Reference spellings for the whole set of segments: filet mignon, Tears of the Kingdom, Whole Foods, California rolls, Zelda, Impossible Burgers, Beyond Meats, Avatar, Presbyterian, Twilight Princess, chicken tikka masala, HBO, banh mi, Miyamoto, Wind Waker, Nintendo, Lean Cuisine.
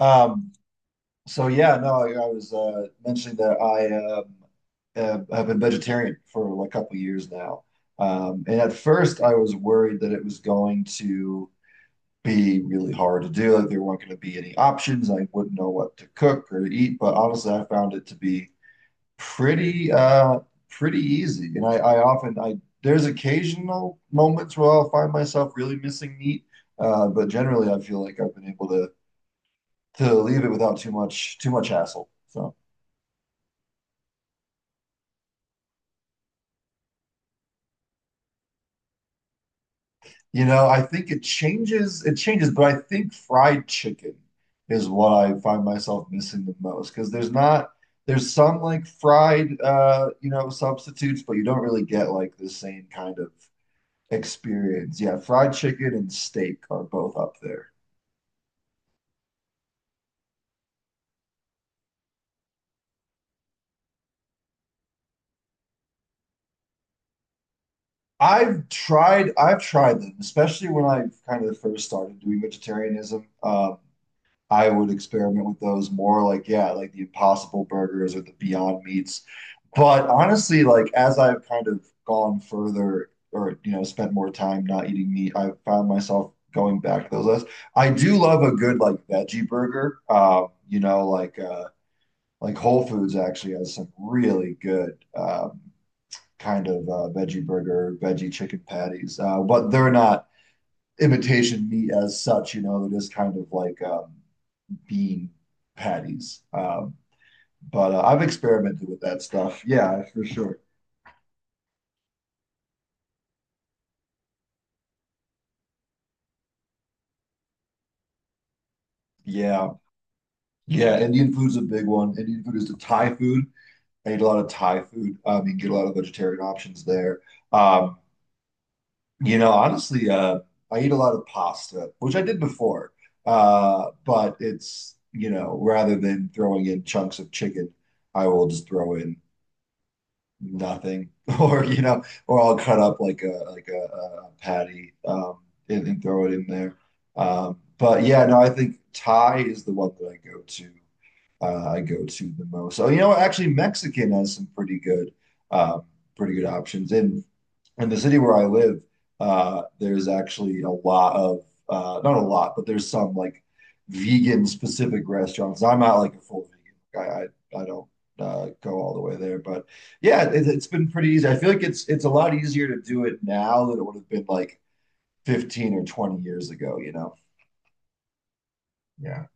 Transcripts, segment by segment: Um, so yeah, no, I was mentioning that I have been vegetarian for like a couple of years now. And at first, I was worried that it was going to be really hard to do. Like there weren't going to be any options. I wouldn't know what to cook or to eat. But honestly, I found it to be pretty uh pretty easy. And I often I there's occasional moments where I'll find myself really missing meat. But generally, I feel like I've been able to leave it without too much hassle. So, I think it changes, but I think fried chicken is what I find myself missing the most because there's not there's some like fried substitutes, but you don't really get like the same kind of experience. Yeah, fried chicken and steak are both up there. I've tried them, especially when I kind of first started doing vegetarianism. I would experiment with those more like, yeah, like the Impossible Burgers or the Beyond Meats. But honestly, like as I've kind of gone further or, you know, spent more time not eating meat, I have found myself going back to those lists. I do love a good like veggie burger. You know, like Whole Foods actually has some really good kind of veggie burger, veggie chicken patties. But they're not imitation meat as such, you know, they're just kind of like bean patties. But I've experimented with that stuff. Yeah, for sure. Yeah. Yeah. Indian food's a big one. Indian food is the Thai food. I eat a lot of Thai food. You can get a lot of vegetarian options there. Um, you know, honestly, uh, I eat a lot of pasta, which I did before. But it's, you know, rather than throwing in chunks of chicken, I will just throw in nothing or you know or I'll cut up like a patty and throw it in there but yeah no I think Thai is the one that I go to the most so you know actually Mexican has some pretty good options and in the city where I live, there's actually a lot of not a lot, but there's some like vegan specific restaurants. I'm not like a full vegan guy. I don't go all the way there, but yeah, it's been pretty easy. I feel like it's a lot easier to do it now than it would have been like 15 or 20 years ago, you know? Yeah.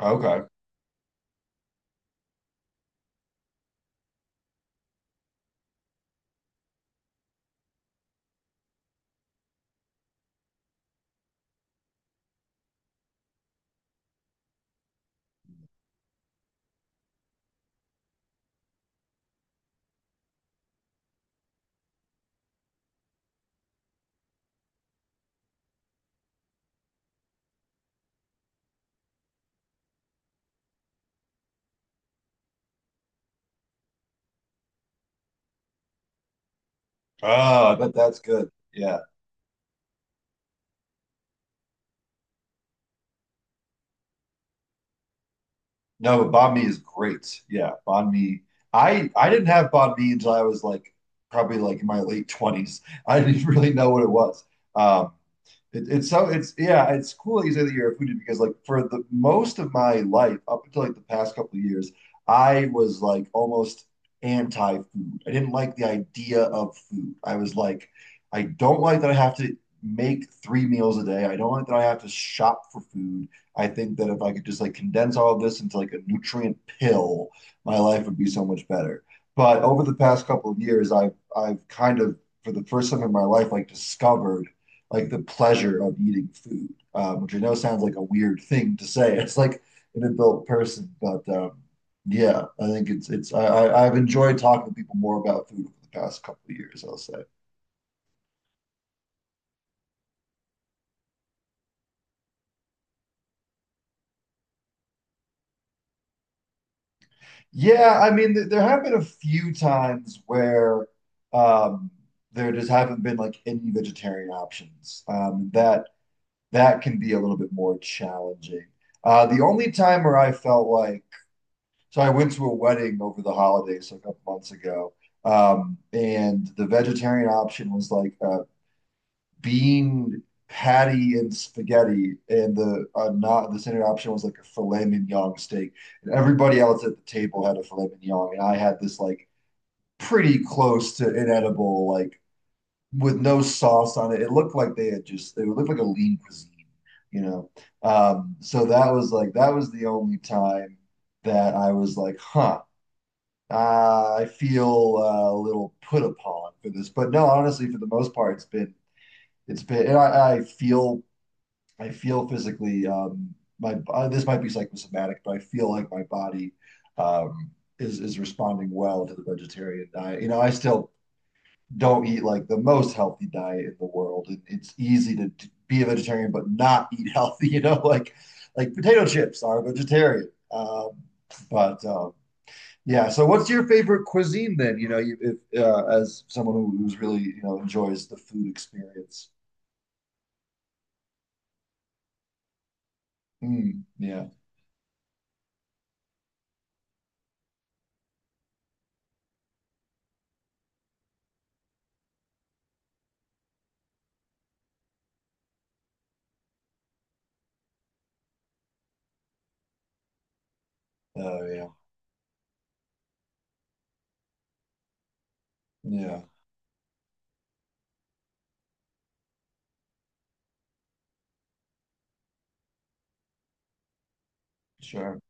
Okay. Oh, I bet that's good. Yeah. No, but banh mi is great. Yeah, banh mi. I didn't have banh mi until I was like probably like in my late 20s. I didn't really know what it was. Um, it's yeah, it's cool that you say that you're a foodie because like for the most of my life, up until like the past couple of years, I was like almost anti-food. I didn't like the idea of food. I was like, I don't like that I have to make three meals a day. I don't like that I have to shop for food. I think that if I could just like condense all of this into like a nutrient pill, my life would be so much better. But over the past couple of years, I've kind of for the first time in my life like discovered like the pleasure of eating food, which I know sounds like a weird thing to say. It's like an adult person, but yeah, I think it's I've enjoyed talking to people more about food over the past couple of years, I'll say. Yeah, I mean, th there have been a few times where um, there just haven't been like any vegetarian options. That that can be a little bit more challenging. The only time where I felt like so I went to a wedding over the holidays a couple months ago, and the vegetarian option was like a bean patty and spaghetti, and the not the standard option was like a filet mignon steak. And everybody else at the table had a filet mignon, and I had this like pretty close to inedible, like with no sauce on it. It looked like they had just it looked like a lean cuisine, you know. That was the only time that I was like, huh I feel a little put upon for this, but no, honestly, for the most part, it's been, and I feel physically my this might be psychosomatic, but I feel like my body um, is responding well to the vegetarian diet. You know, I still don't eat like the most healthy diet in the world, and it's easy to be a vegetarian but not eat healthy. You know, like potato chips are vegetarian, but yeah. So, what's your favorite cuisine then? You know, if, as someone who's really, you know, enjoys the food experience. Mm, yeah. Oh, yeah. Yeah. Sure.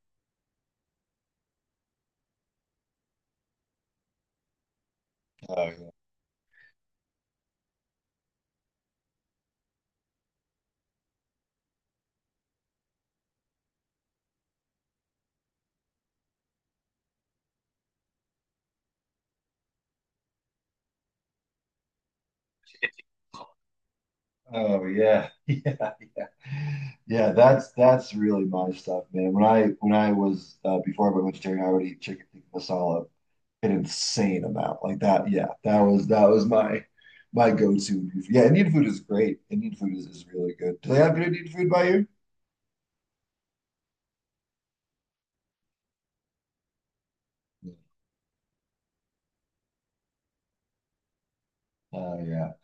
Oh, yeah. Oh, yeah. Yeah. Yeah. That's really my stuff, man. When I was before I went vegetarian, I would eat chicken tikka masala an insane amount like that. Yeah. That was my my go-to. Indian food. Yeah. Indian food is great. Indian food is really good. Do they have good Indian food by you? Oh, yeah.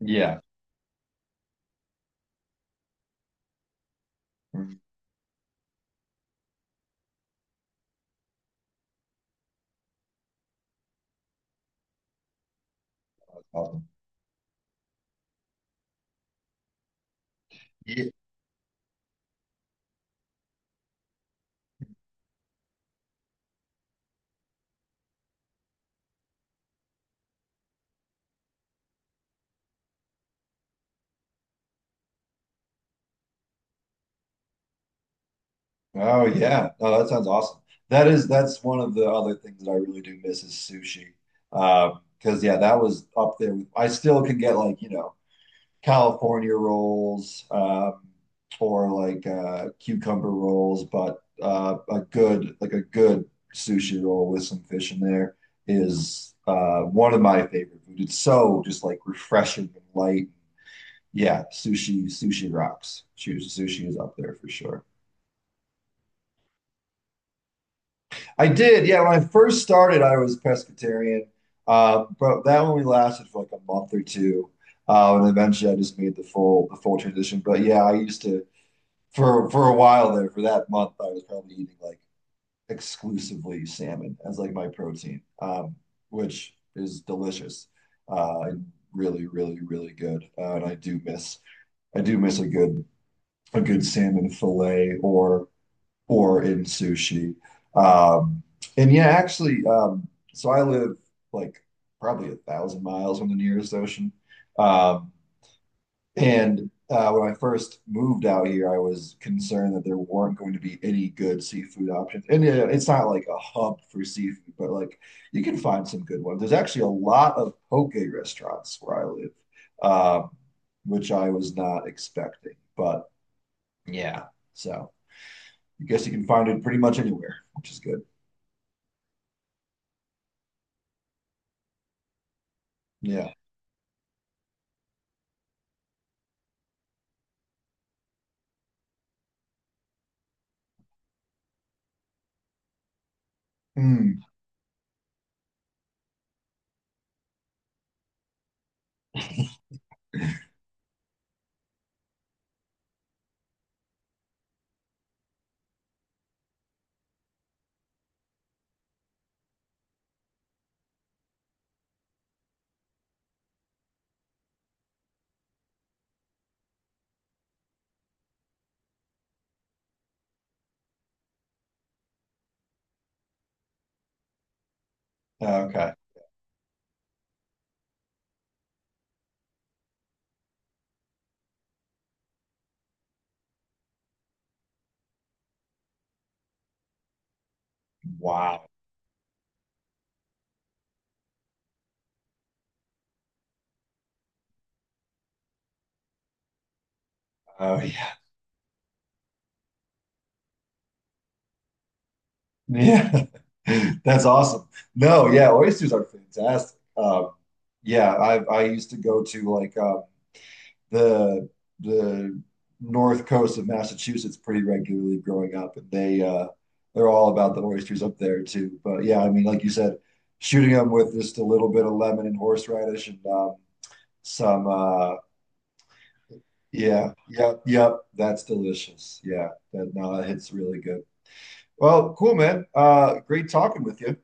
Yeah. Mm-hmm. Awesome. Yeah. Oh yeah. No, that sounds awesome. That is that's one of the other things that I really do miss is sushi. Because yeah, that was up there. I still can get like, you know, California rolls, or like cucumber rolls, but a good like a good sushi roll with some fish in there is one of my favorite food. It's so just like refreshing and light. Yeah, sushi rocks. Sushi is up there for sure. I did, yeah. When I first started, I was Presbyterian, but that only lasted for like a month or two, and eventually I just made the full transition. But yeah, I used to for a while there for that month, I was probably eating like exclusively salmon as like my protein, which is delicious and really, really, really good. And I do miss a good salmon fillet or in sushi. Um, and Yeah, actually, so I live like probably a thousand miles from the nearest ocean. Um, and When I first moved out here, I was concerned that there weren't going to be any good seafood options. And yeah, it's not like a hub for seafood, but like you can find some good ones. There's actually a lot of poke restaurants where I live, um, which I was not expecting. But Yeah, so. I guess you can find it pretty much anywhere, which is good. Yeah. Hmm. Okay. Wow. Oh yeah. Yeah. That's awesome. No, yeah, oysters are fantastic. Yeah, I used to go to like the the north coast of Massachusetts pretty regularly growing up, and they they're all about the oysters up there too. But yeah, I mean, like you said, shooting them with just a little bit of lemon and horseradish and some yeah, yep. That's delicious. Yeah, that no, that hits really good. Well, cool, man. Great talking with you.